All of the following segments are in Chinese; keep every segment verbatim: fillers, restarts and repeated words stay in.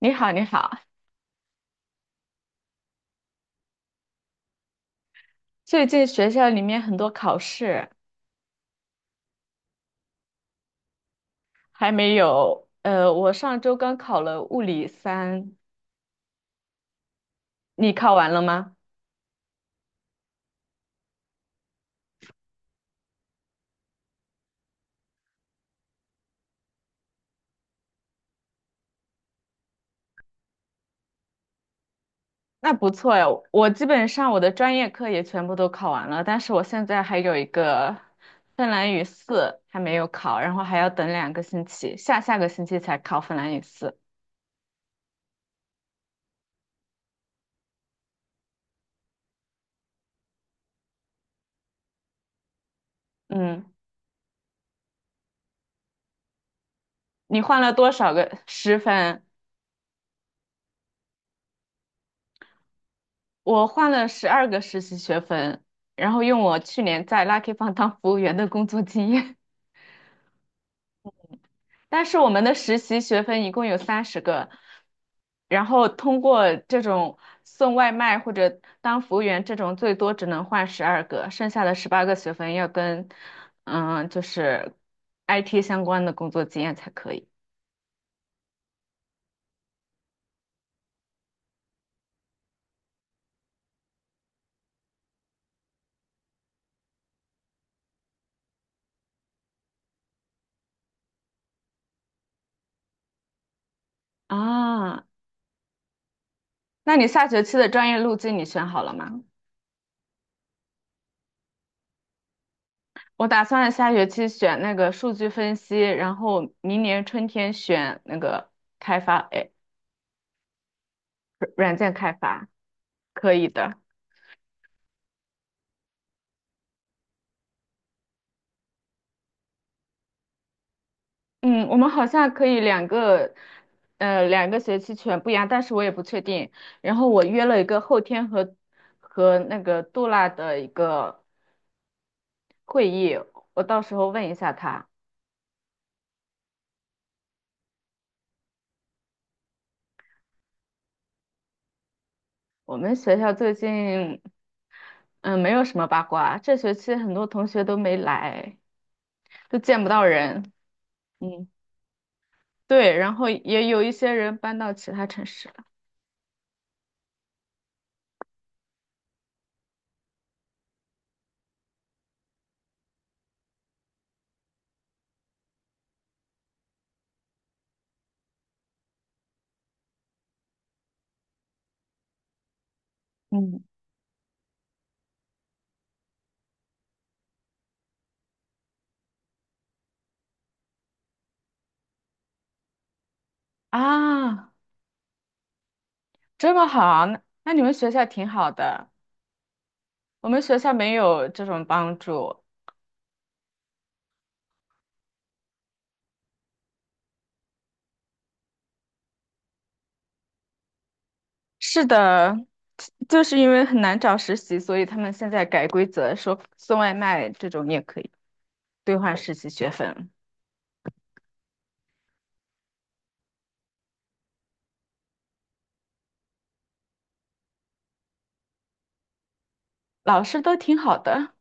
你好，你好。最近学校里面很多考试。还没有，呃，我上周刚考了物理三。你考完了吗？那不错呀，我基本上我的专业课也全部都考完了，但是我现在还有一个芬兰语四还没有考，然后还要等两个星期，下下个星期才考芬兰语四。嗯，你换了多少个十分？我换了十二个实习学分，然后用我去年在 Lucky f 当服务员的工作经验。但是我们的实习学分一共有三十个，然后通过这种送外卖或者当服务员这种，最多只能换十二个，剩下的十八个学分要跟嗯，就是 I T 相关的工作经验才可以啊。那你下学期的专业路径你选好了吗？我打算下学期选那个数据分析，然后明年春天选那个开发，哎，软件开发，可以的。嗯，我们好像可以两个，呃，两个学期全不一样，但是我也不确定。然后我约了一个后天和和那个杜拉的一个会议，我到时候问一下他。我们学校最近，嗯，没有什么八卦，这学期很多同学都没来，都见不到人。嗯，对，然后也有一些人搬到其他城市了。嗯，啊，这么好，那那你们学校挺好的。我们学校没有这种帮助。是的，就是因为很难找实习，所以他们现在改规则，说送外卖这种也可以兑换实习学分。老师都挺好的，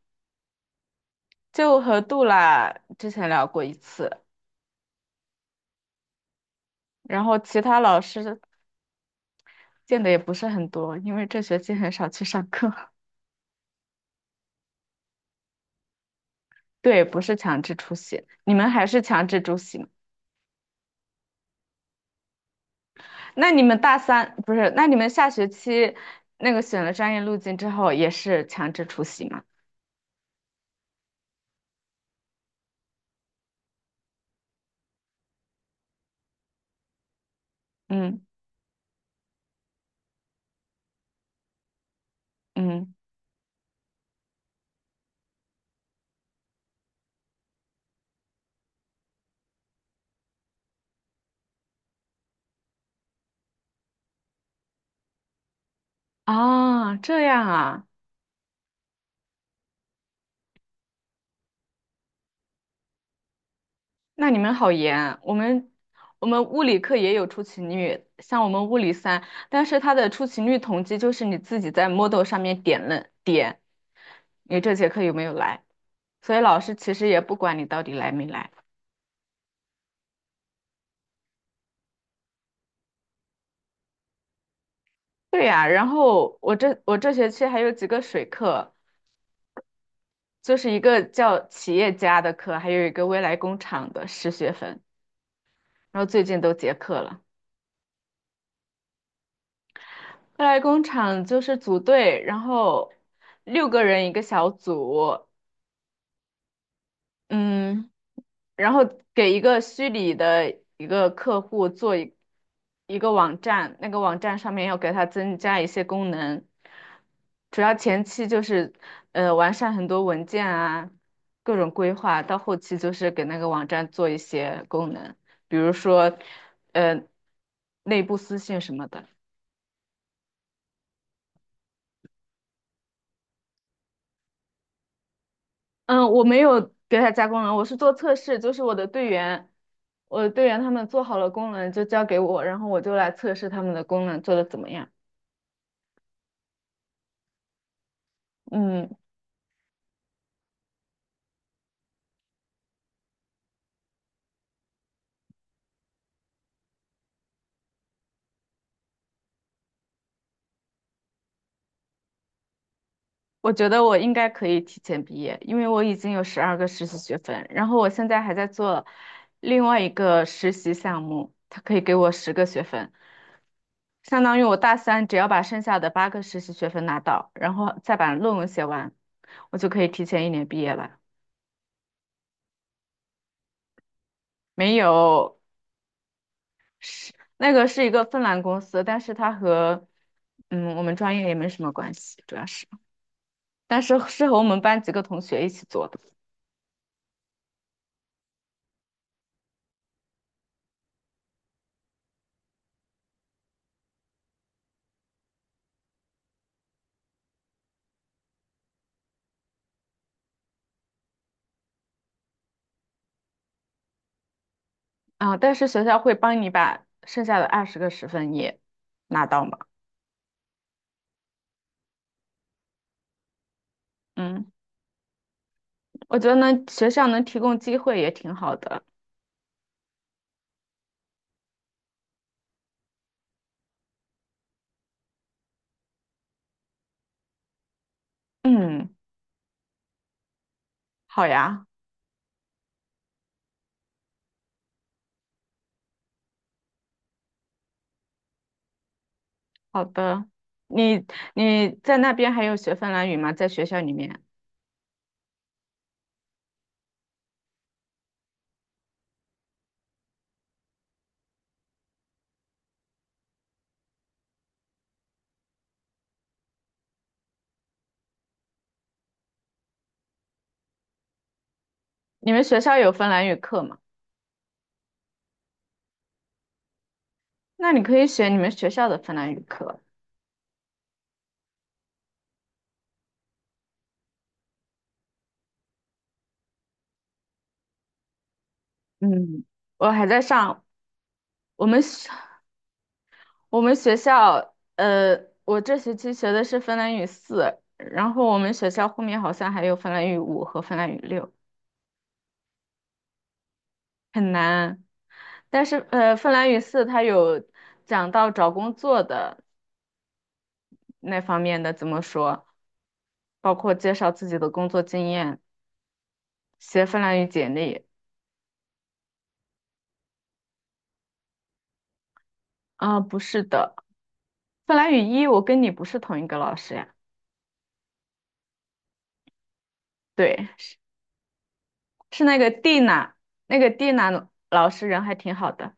就和杜拉之前聊过一次，然后其他老师见的也不是很多，因为这学期很少去上课。对，不是强制出席，你们还是强制出席吗？那你们大三，不是，那你们下学期那个选了专业路径之后也是强制出席吗？嗯嗯啊，这样啊，那你们好严。我们我们物理课也有出勤率，像我们物理三，但是它的出勤率统计就是你自己在 Moodle 上面点了点，你这节课有没有来？所以老师其实也不管你到底来没来。对呀，然后我这我这学期还有几个水课，就是一个叫企业家的课，还有一个未来工厂的十学分，然后最近都结课了。快来工厂就是组队，然后六个人一个小组，嗯，然后给一个虚拟的一个客户做一一个网站，那个网站上面要给它增加一些功能，主要前期就是呃完善很多文件啊，各种规划，到后期就是给那个网站做一些功能，比如说呃内部私信什么的。嗯，我没有给他加功能，我是做测试，就是我的队员，我的队员他们做好了功能就交给我，然后我就来测试他们的功能做的怎么样。嗯，我觉得我应该可以提前毕业，因为我已经有十二个实习学分，然后我现在还在做另外一个实习项目，他可以给我十个学分，相当于我大三只要把剩下的八个实习学分拿到，然后再把论文写完，我就可以提前一年毕业了。没有，是那个是一个芬兰公司，但是它和嗯我们专业也没什么关系，主要是，但是是和我们班几个同学一起做的。啊，但是学校会帮你把剩下的二十个十分也拿到嘛，嗯，我觉得呢学校能提供机会也挺好的。嗯，好呀，好的，你你在那边还有学芬兰语吗？在学校里面，你们学校有芬兰语课吗？那你可以选你们学校的芬兰语课，嗯。我还在上，我们学我们学校，呃，我这学期学的是芬兰语四，然后我们学校后面好像还有芬兰语五和芬兰语六。很难。但是呃，芬兰语四它有讲到找工作的那方面的怎么说，包括介绍自己的工作经验，写芬兰语简历。啊、不是的，芬兰语一我跟你不是同一个老师呀。对，是是那个蒂娜，那个蒂娜老师人还挺好的。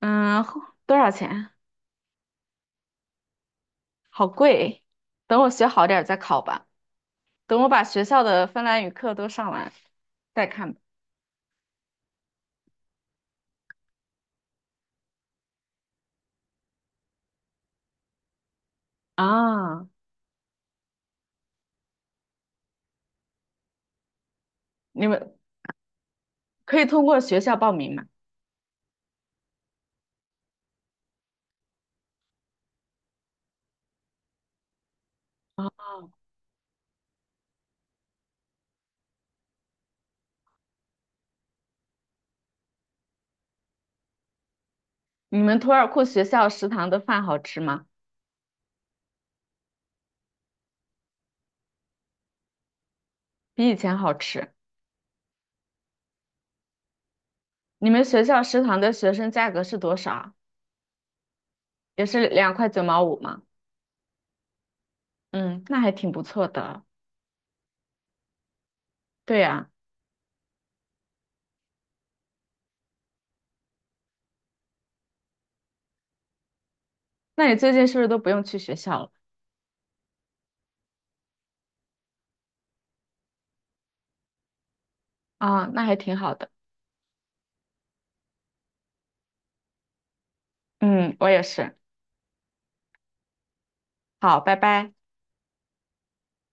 嗯，后多少钱啊？好贵。等我学好点儿再考吧，等我把学校的芬兰语课都上完再看吧。啊，你们可以通过学校报名吗？啊，你们图尔库学校食堂的饭好吃吗？比以前好吃。你们学校食堂的学生价格是多少啊？也是两块九毛五吗？嗯，那还挺不错的。对呀，那你最近是不是都不用去学校了？啊，那还挺好的。嗯，我也是。好，拜拜。